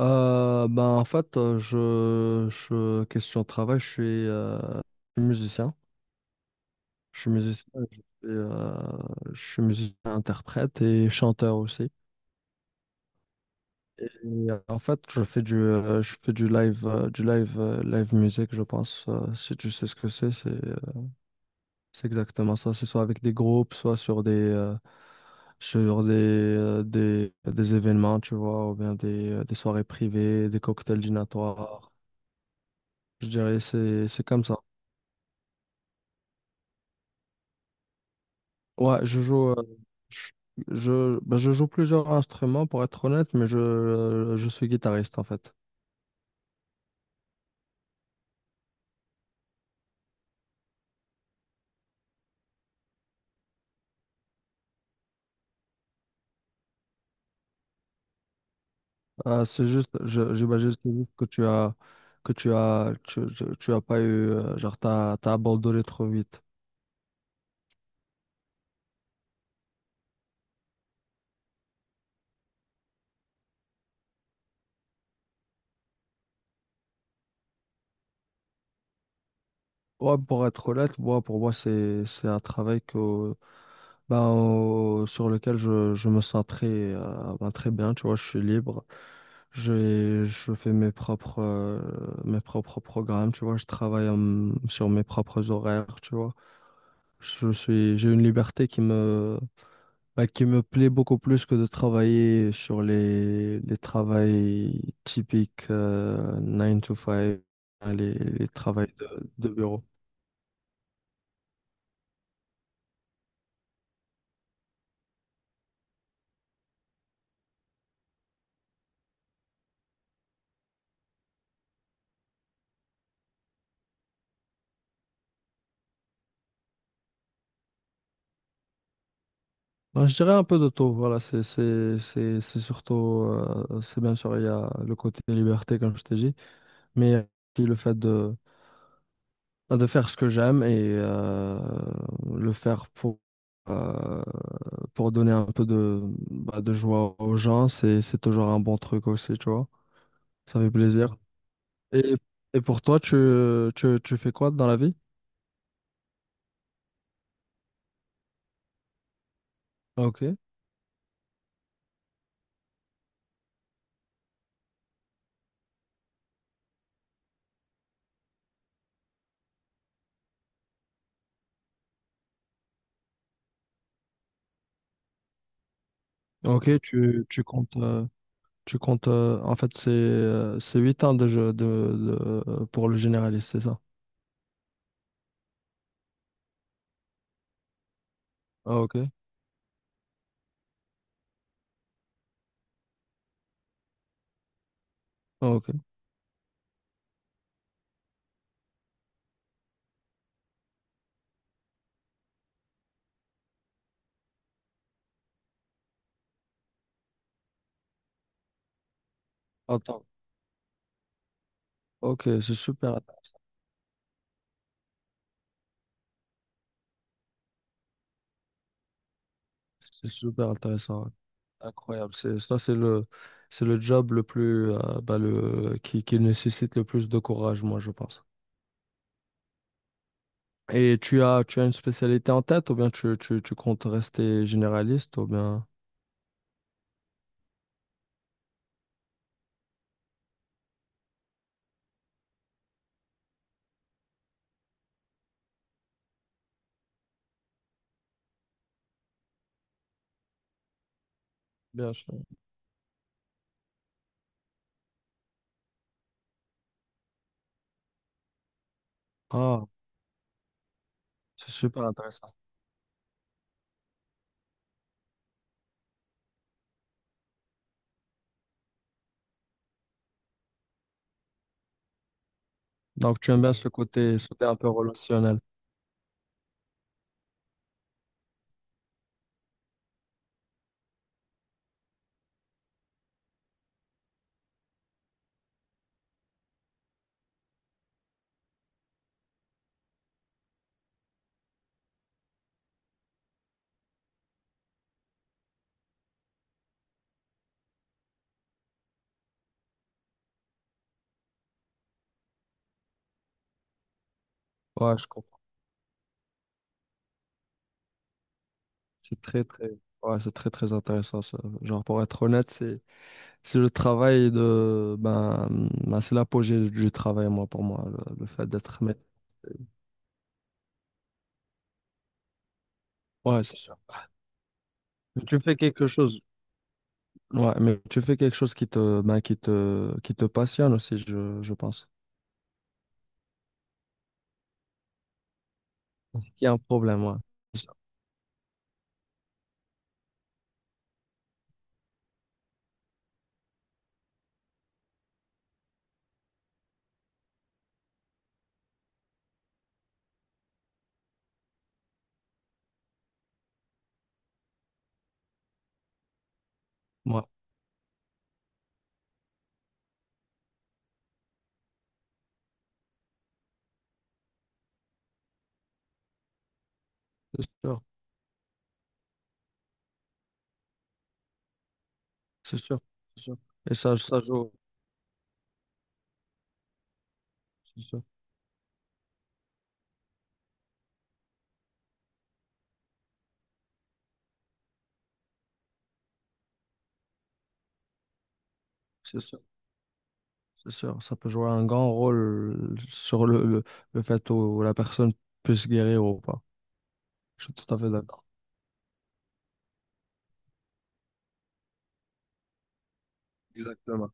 Ben en fait, je question de travail, je suis musicien. Je suis musicien, je suis, euh, je suis musicien interprète et chanteur aussi. Et en fait, je fais du live, live musique, je pense. Si tu sais ce que c'est, c'est exactement ça. C'est soit avec des groupes, soit sur des événements, tu vois, ou bien des soirées privées, des cocktails dînatoires. Je dirais, c'est comme ça. Ouais, je, je, ben, je joue plusieurs instruments pour être honnête, mais je suis guitariste en fait. C'est juste, j'imagine c'est juste que tu as, tu as pas eu, genre t'as abandonné trop vite. Ouais, pour être honnête, moi, pour moi, c'est un travail que, sur lequel je me sens ben, très bien, tu vois, je suis libre. Je fais mes propres programmes, tu vois, sur mes propres horaires, tu vois. J'ai une liberté qui me, ben, qui me plaît beaucoup plus que de travailler sur les travails typiques, 9 to 5, les travails de bureau. Ben, je dirais un peu de tout, voilà, c'est surtout, c'est bien sûr, il y a le côté liberté, comme je t'ai dit, mais il y a aussi le fait de, ben, de faire ce que j'aime et le faire euh, pour donner un peu de, bah, de joie aux gens, c'est toujours un bon truc aussi, tu vois, ça fait plaisir. Et, et pour toi, tu fais quoi dans la vie? Ok, ok, tu comptes, tu comptes, en fait, c'est 8 ans de pour le généraliste, c'est ça? Ah, ok. Ah, ok. Attends. Ok, c'est super intéressant. Ouais. Incroyable. Ça, c'est le job le plus, bah, qui nécessite le plus de courage, moi, je pense. Et tu as une spécialité en tête ou bien tu comptes rester généraliste ou bien... Bien sûr. Ah, c'est super intéressant. Donc, tu aimes bien ce côté un peu relationnel. Ouais, je comprends. C'est très très Ouais, c'est très très intéressant ça. Genre pour être honnête, c'est le travail de ben, ben, c'est l'apogée du travail moi pour moi le fait d'être maître. Ouais, c'est sûr. Mais Tu fais quelque chose Ouais, mais tu fais quelque chose qui te ben, qui te passionne aussi je pense. Il y a un problème, ouais. C'est sûr. Ouais, c'est sûr. C'est sûr. C'est sûr. Et ça ça joue C'est sûr. C'est sûr. C'est sûr, ça peut jouer un grand rôle sur le fait où la personne puisse guérir ou pas. Je suis tout à fait d'accord. Exactement.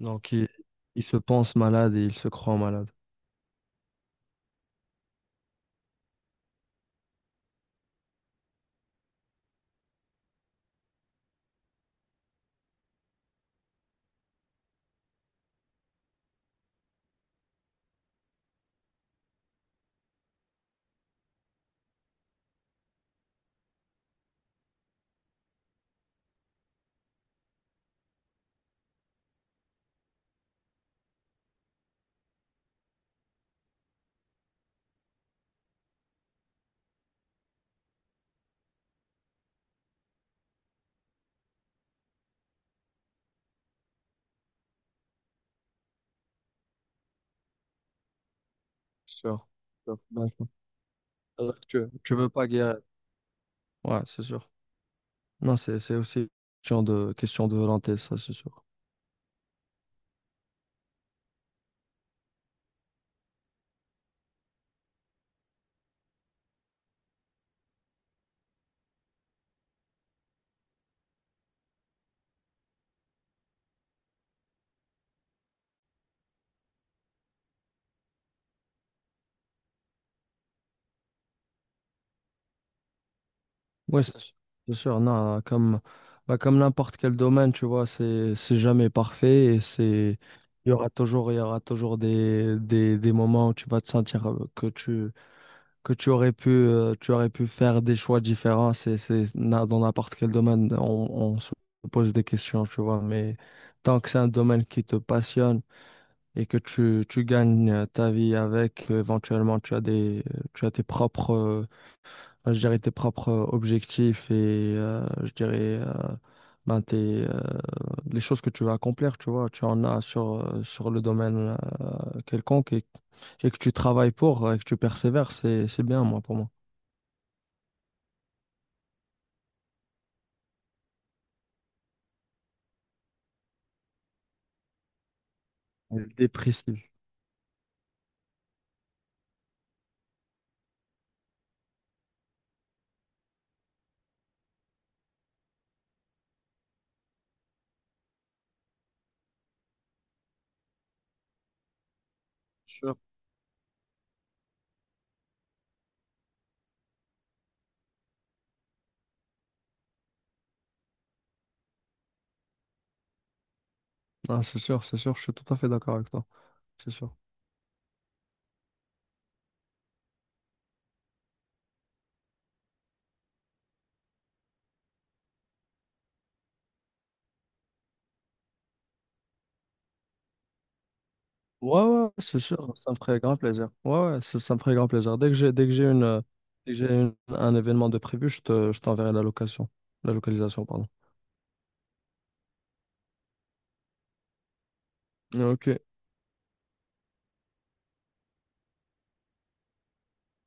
Donc, il se pense malade et il se croit malade. C'est sûr. C'est sûr. Vachement. Alors que tu veux pas guérir. Ouais, c'est sûr. Non, c'est aussi une question de volonté, ça, c'est sûr. Oui, c'est sûr. C'est sûr. Non, comme, bah, comme n'importe quel domaine, tu vois, c'est jamais parfait et il y aura toujours des moments où tu vas te sentir que tu aurais pu faire des choix différents. Dans n'importe quel domaine, on se pose des questions, tu vois. Mais tant que c'est un domaine qui te passionne et que tu gagnes ta vie avec, éventuellement, tu as des, tu as tes ben, je dirais, tes propres objectifs et, je dirais, ben, les choses que tu veux accomplir, tu vois. Tu en as sur le domaine, quelconque et que tu travailles pour, et que tu persévères, c'est bien, moi, pour moi. Dépressif. Sûr. Ah, c'est sûr, je suis tout à fait d'accord avec toi. C'est sûr. Ouais, ouais, c'est sûr, ça me ferait grand plaisir. Ouais, ouais, ça me ferait grand plaisir. Dès que un événement de prévu, je t'enverrai la location. La localisation, pardon. Ok.